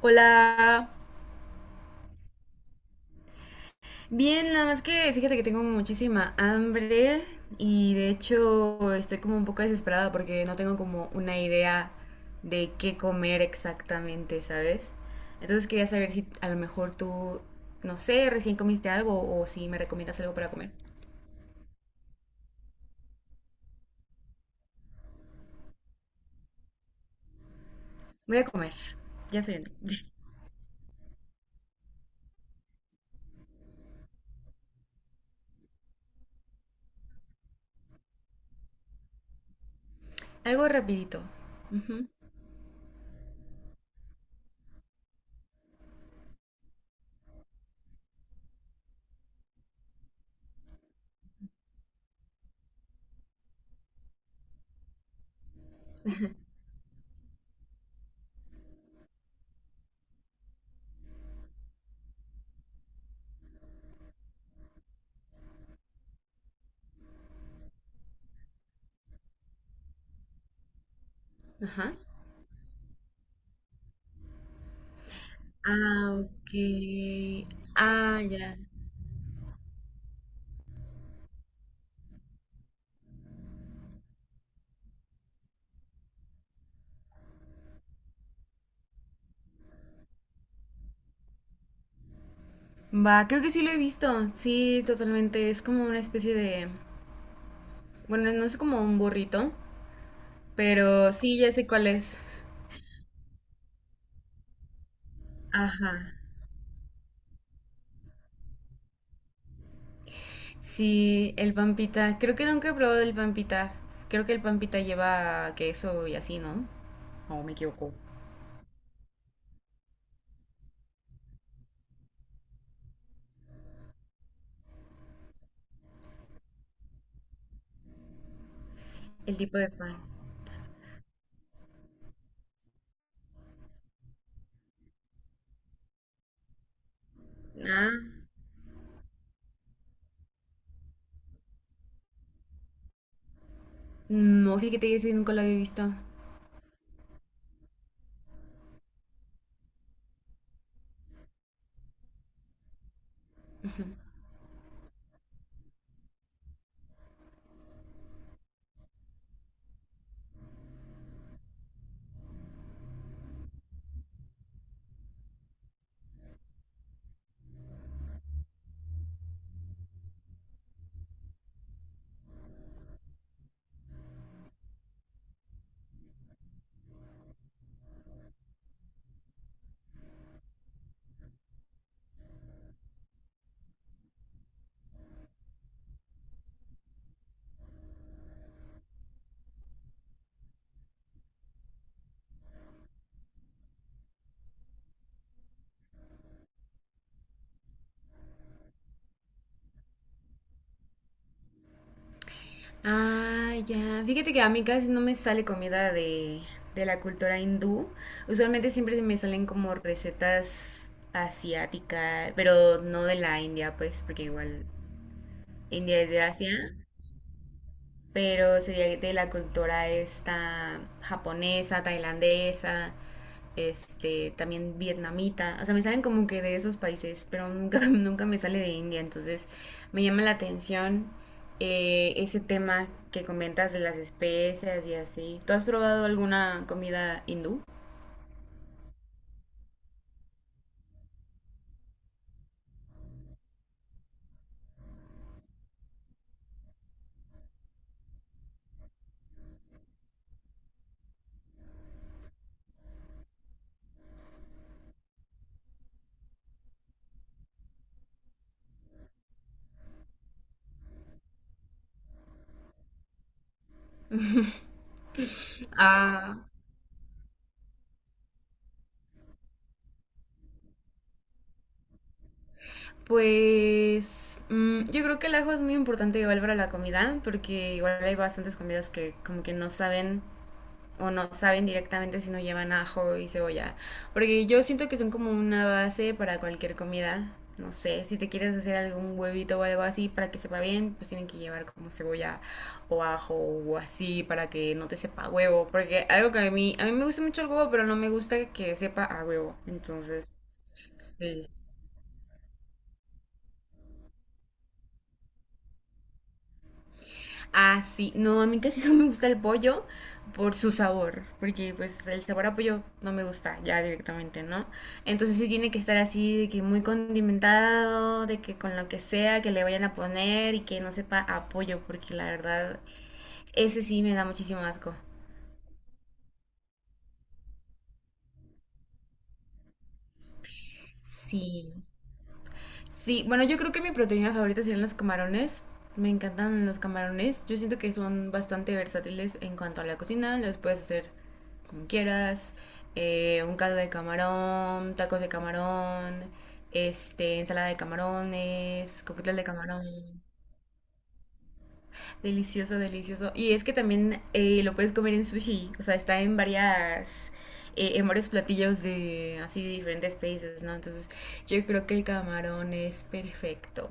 Hola. Bien, nada más que fíjate que tengo muchísima hambre y de hecho estoy como un poco desesperada porque no tengo como una idea de qué comer exactamente, ¿sabes? Entonces quería saber si a lo mejor tú, no sé, recién comiste algo o si me recomiendas algo para comer. Voy a comer, ya sé. Algo rapidito. Ujú. Ajá. Ah, ok. Ah, ya. Va, creo que sí lo he visto. Sí, totalmente. Es como una especie de ...bueno, no es como un burrito, pero sí, ya sé cuál es. Ajá. Sí, el pampita. Creo que nunca he probado el pampita. Creo que el pampita lleva queso y así, ¿no? O me equivoco. El tipo de pan. Ah. No, fíjate que ese nunca lo había visto. Ah, ya. Fíjate que a mí casi no me sale comida de la cultura hindú. Usualmente siempre me salen como recetas asiáticas, pero no de la India, pues, porque igual India es de Asia, pero sería de la cultura esta japonesa, tailandesa, este, también vietnamita. O sea, me salen como que de esos países, pero nunca, nunca me sale de India, entonces me llama la atención ese tema que comentas de las especias y así. ¿Tú has probado alguna comida hindú? Ah, pues yo creo que el ajo es muy importante igual para la comida, porque igual hay bastantes comidas que como que no saben o no saben directamente si no llevan ajo y cebolla. Porque yo siento que son como una base para cualquier comida. No sé, si te quieres hacer algún huevito o algo así para que sepa bien, pues tienen que llevar como cebolla o ajo o así para que no te sepa a huevo. Porque algo que a mí me gusta mucho el huevo, pero no me gusta que sepa a huevo. Entonces, sí. Ah, sí. No, a mí casi no me gusta el pollo por su sabor, porque pues el sabor a pollo no me gusta ya directamente, ¿no? Entonces sí tiene que estar así, de que muy condimentado, de que con lo que sea que le vayan a poner y que no sepa a pollo, porque la verdad, ese sí me da muchísimo asco. Sí. Sí, bueno, yo creo que mi proteína favorita serían los camarones. Me encantan los camarones. Yo siento que son bastante versátiles en cuanto a la cocina. Los puedes hacer como quieras. Un caldo de camarón, tacos de camarón, este, ensalada de camarones, coquetel de camarón. Delicioso, delicioso. Y es que también lo puedes comer en sushi. O sea, está en varias, en varios platillos de así de diferentes países, ¿no? Entonces, yo creo que el camarón es perfecto.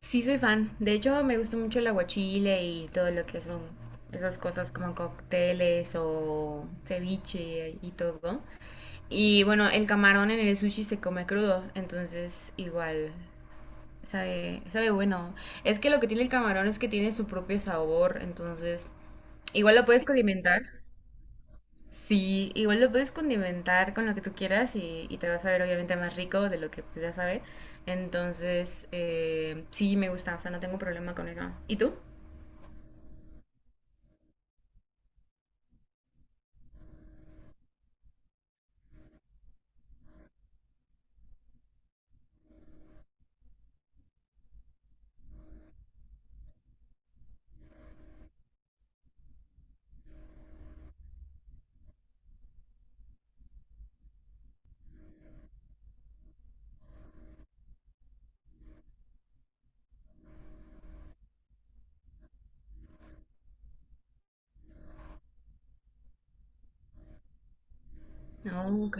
Sí, soy fan. De hecho, me gusta mucho el aguachile y todo lo que son esas cosas como cócteles o ceviche y todo. Y bueno, el camarón en el sushi se come crudo, entonces igual sabe bueno. Es que lo que tiene el camarón es que tiene su propio sabor, entonces igual lo puedes condimentar. Sí, igual lo puedes condimentar con lo que tú quieras y te vas a ver obviamente más rico de lo que pues ya sabe. Entonces, sí, me gusta, o sea, no tengo problema con eso. ¿Y tú? No, ok.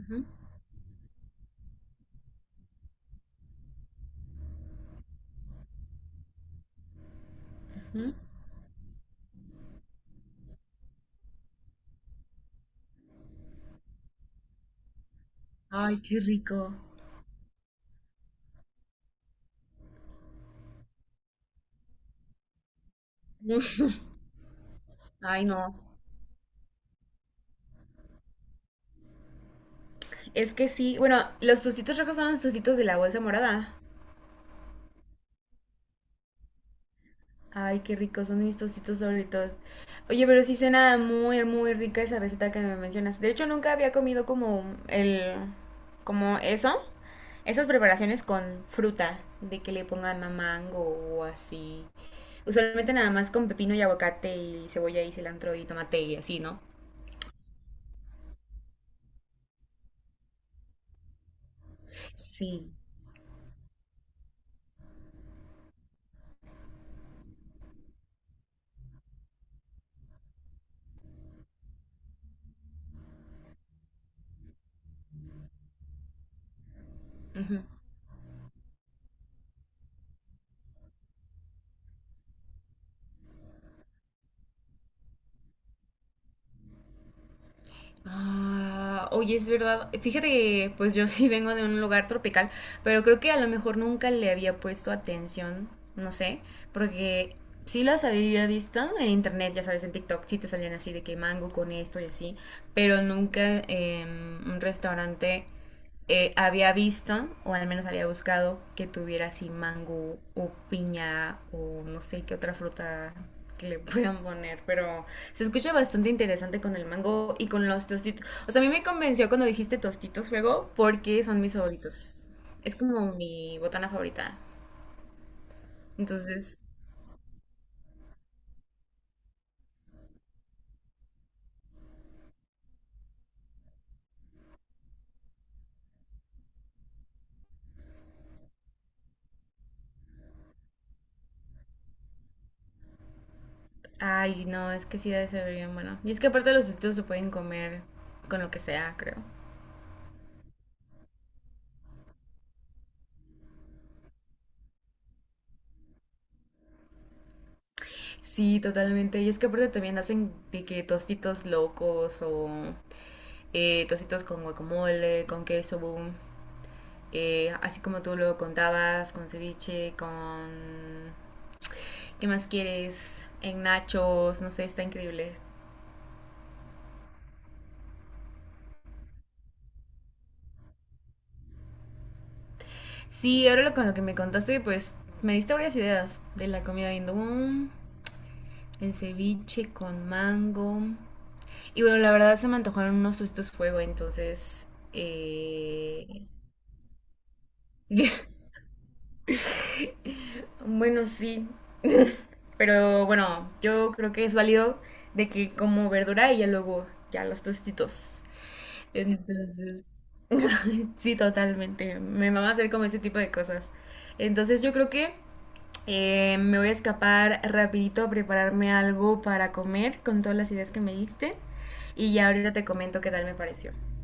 Ujú, ujú. Ay, qué rico. Ay, no. Es que sí, bueno, los tostitos rojos son los tostitos de la bolsa morada. Ay, qué ricos, son mis tostitos favoritos. Oye, pero sí suena muy, muy rica esa receta que me mencionas. De hecho, nunca había comido como como eso. Esas preparaciones con fruta, de que le pongan mango o así. Usualmente nada más con pepino y aguacate y cebolla y cilantro y tomate y así, ¿no? Sí. Ujú. Ah, oye, es verdad. Fíjate que pues yo sí vengo de un lugar tropical, pero creo que a lo mejor nunca le había puesto atención, no sé, porque sí las había visto en internet, ya sabes, en TikTok, sí te salían así de que mango con esto y así, pero nunca en un restaurante había visto, o al menos había buscado, que tuviera así mango o piña o no sé qué otra fruta que le puedan poner, pero se escucha bastante interesante con el mango y con los tostitos. O sea, a mí me convenció cuando dijiste tostitos fuego porque son mis favoritos. Es como mi botana favorita. Entonces, ay, no, es que sí debe ser bien bueno. Y es que aparte los tostitos se pueden comer con lo que sea, creo. Sí, totalmente. Y es que aparte también hacen de que tostitos locos o tocitos con guacamole, con queso, boom. Así como tú lo contabas, con ceviche, con... ¿Qué más quieres? En nachos, no sé, está increíble. Sí, con lo que me contaste, pues me diste varias ideas de la comida hindú, el ceviche con mango. Y bueno, la verdad se me antojaron unos estos fuego, entonces... eh, Bueno, sí, pero bueno, yo creo que es válido de que como verdura y ya luego ya los tostitos. Entonces, sí, totalmente. Me va a hacer como ese tipo de cosas. Entonces yo creo que me voy a escapar rapidito a prepararme algo para comer con todas las ideas que me diste. Y ya ahorita te comento qué tal me pareció.